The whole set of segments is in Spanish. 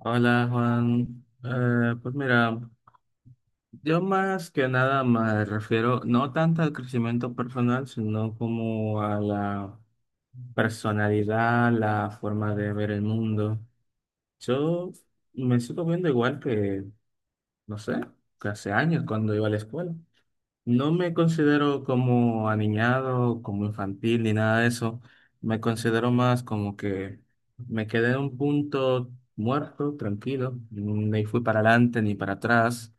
Hola Juan. Pues mira, yo más que nada me refiero no tanto al crecimiento personal, sino como a la personalidad, la forma de ver el mundo. Yo me sigo viendo igual que, no sé, que hace años cuando iba a la escuela. No me considero como aniñado, como infantil, ni nada de eso. Me considero más como que me quedé en un punto muerto, tranquilo. Ni fui para adelante ni para atrás.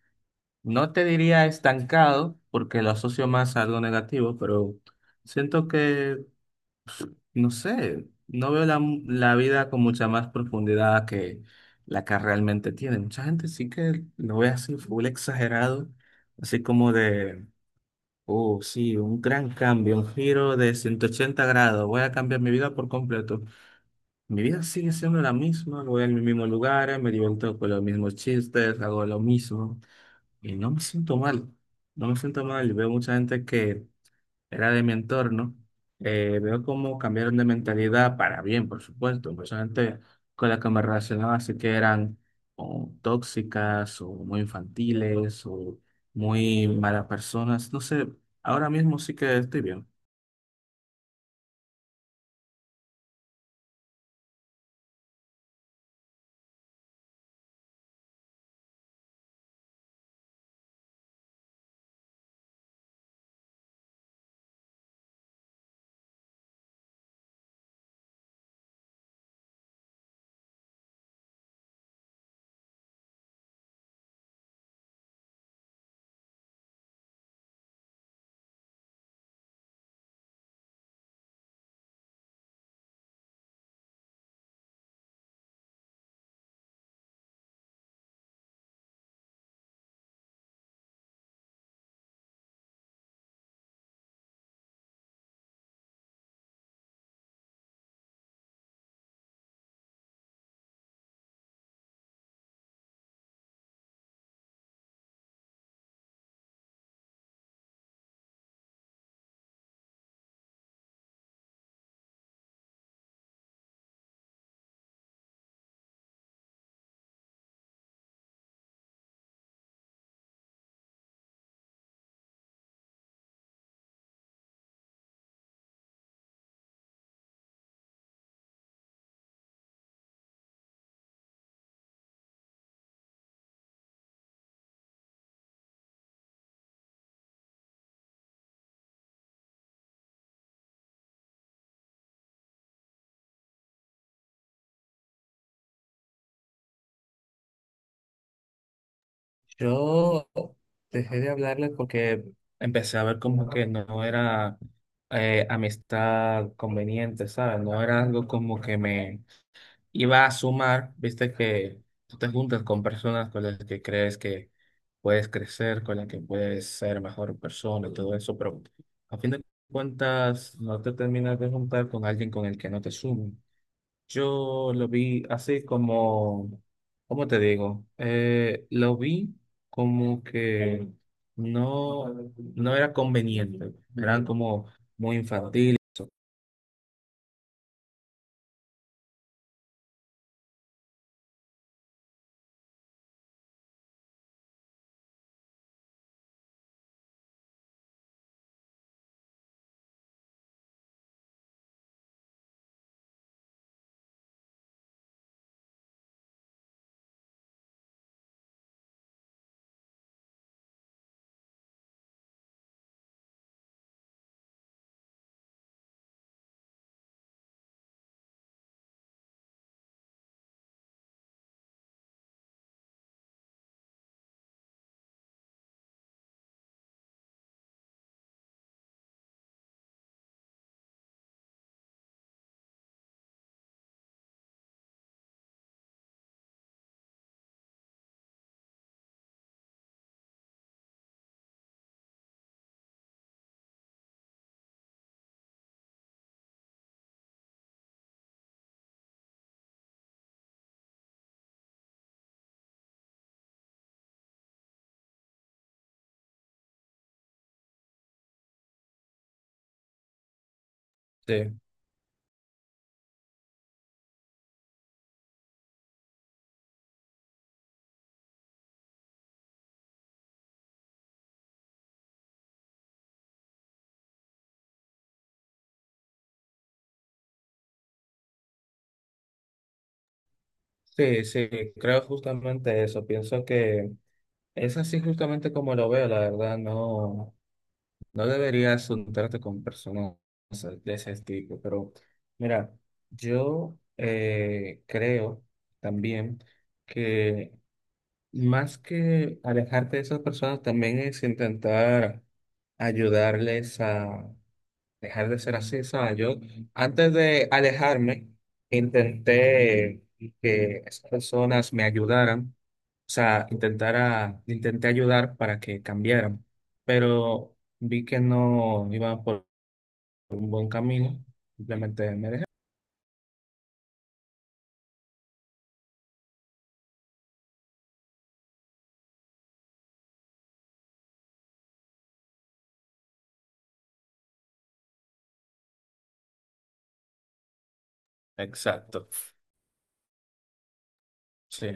No te diría estancado, porque lo asocio más a algo negativo, pero siento que, no sé, no veo la, la vida con mucha más profundidad que la que realmente tiene. Mucha gente sí que lo ve así, full exagerado, así como de: oh, sí, un gran cambio, un giro de 180 grados. Voy a cambiar mi vida por completo. Mi vida sigue siendo la misma, voy al mismo lugar, me divierto con los mismos chistes, hago lo mismo y no me siento mal. No me siento mal. Veo mucha gente que era de mi entorno, veo cómo cambiaron de mentalidad para bien, por supuesto. Pues son gente con la que me relacionaba, así que eran o tóxicas o muy infantiles o muy malas personas. No sé, ahora mismo sí que estoy bien. Yo dejé de hablarle porque empecé a ver como que no era amistad conveniente, ¿sabes? No era algo como que me, iba a sumar, viste que tú te juntas con personas con las que crees que puedes crecer, con las que puedes ser mejor persona y todo eso, pero a fin de cuentas no te terminas de juntar con alguien con el que no te sume. Yo lo vi así como, ¿cómo te digo? Lo vi como que no, no era conveniente, eran como muy infantiles. Sí, sí, sí, creo justamente eso. Pienso que Es así justamente como lo veo, la verdad. No, no deberías juntarte con personas de ese tipo, pero mira, yo creo también que más que alejarte de esas personas, también es intentar ayudarles a dejar de ser así, ¿sabes? Yo antes de alejarme, intenté que esas personas me ayudaran, o sea, intenté ayudar para que cambiaran, pero vi que no iba por un buen camino, simplemente me dejé. Exacto, sí,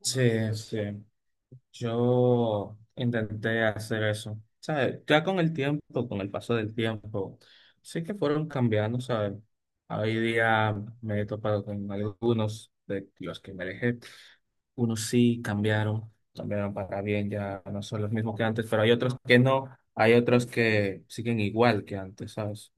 sí, sí. Yo intenté hacer eso, ¿sabes? Ya con el tiempo, con el paso del tiempo, sí que fueron cambiando, ¿sabes? Hoy día me he topado con algunos de los que me alejé. Unos sí cambiaron, cambiaron para bien, ya no son los mismos que antes, pero hay otros que no, hay otros que siguen igual que antes, ¿sabes?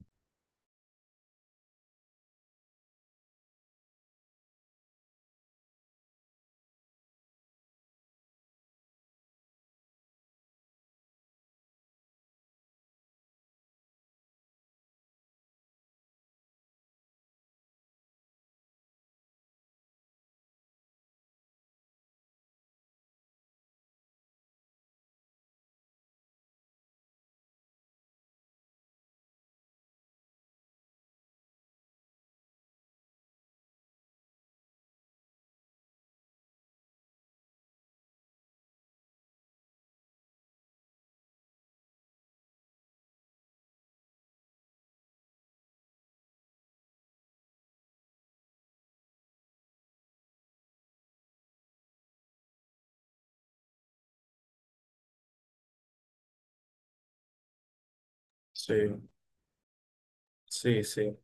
Sí. Sí, sí,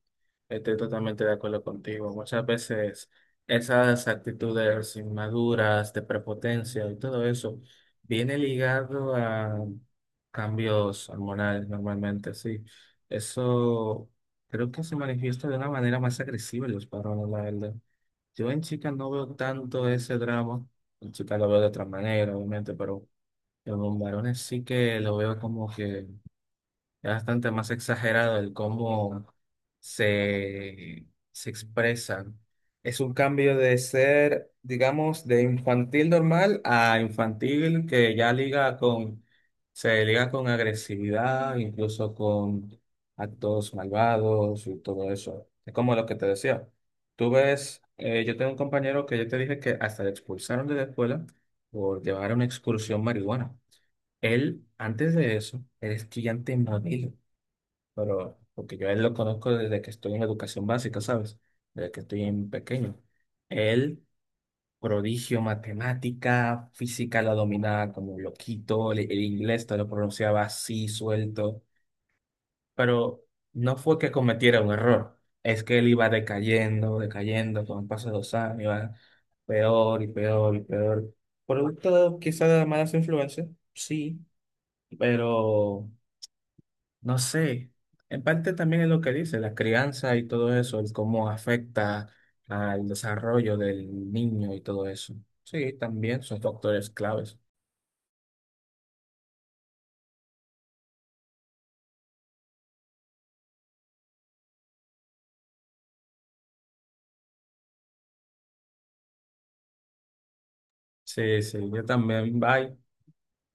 estoy totalmente de acuerdo contigo. Muchas veces esas actitudes inmaduras, de prepotencia y todo eso, viene ligado a cambios hormonales normalmente, sí. Eso creo que se manifiesta de una manera más agresiva en los varones, la verdad. Yo en chicas no veo tanto ese drama, en chicas lo veo de otra manera, obviamente, pero en los varones sí que lo veo como que... Es bastante más exagerado el cómo se, se expresan. Es un cambio de ser, digamos, de infantil normal a infantil que ya liga con, se liga con agresividad, incluso con actos malvados y todo eso. Es como lo que te decía. Tú ves, yo tengo un compañero que yo te dije que hasta le expulsaron de la escuela por llevar a una excursión marihuana. Él, antes de eso, era estudiante modelo, pero porque yo a él lo conozco desde que estoy en educación básica, ¿sabes? Desde que estoy en pequeño. Él, prodigio, matemática, física la dominaba como loquito, el inglés te lo pronunciaba así, suelto, pero no fue que cometiera un error, es que él iba decayendo, decayendo, con el paso de los años, iba peor y peor y peor. Producto quizá de malas influencias, sí, pero... No sé, en parte también es lo que dice, la crianza y todo eso, el cómo afecta al desarrollo del niño y todo eso. Sí, también son factores claves. Sí, sí, yo también, bye.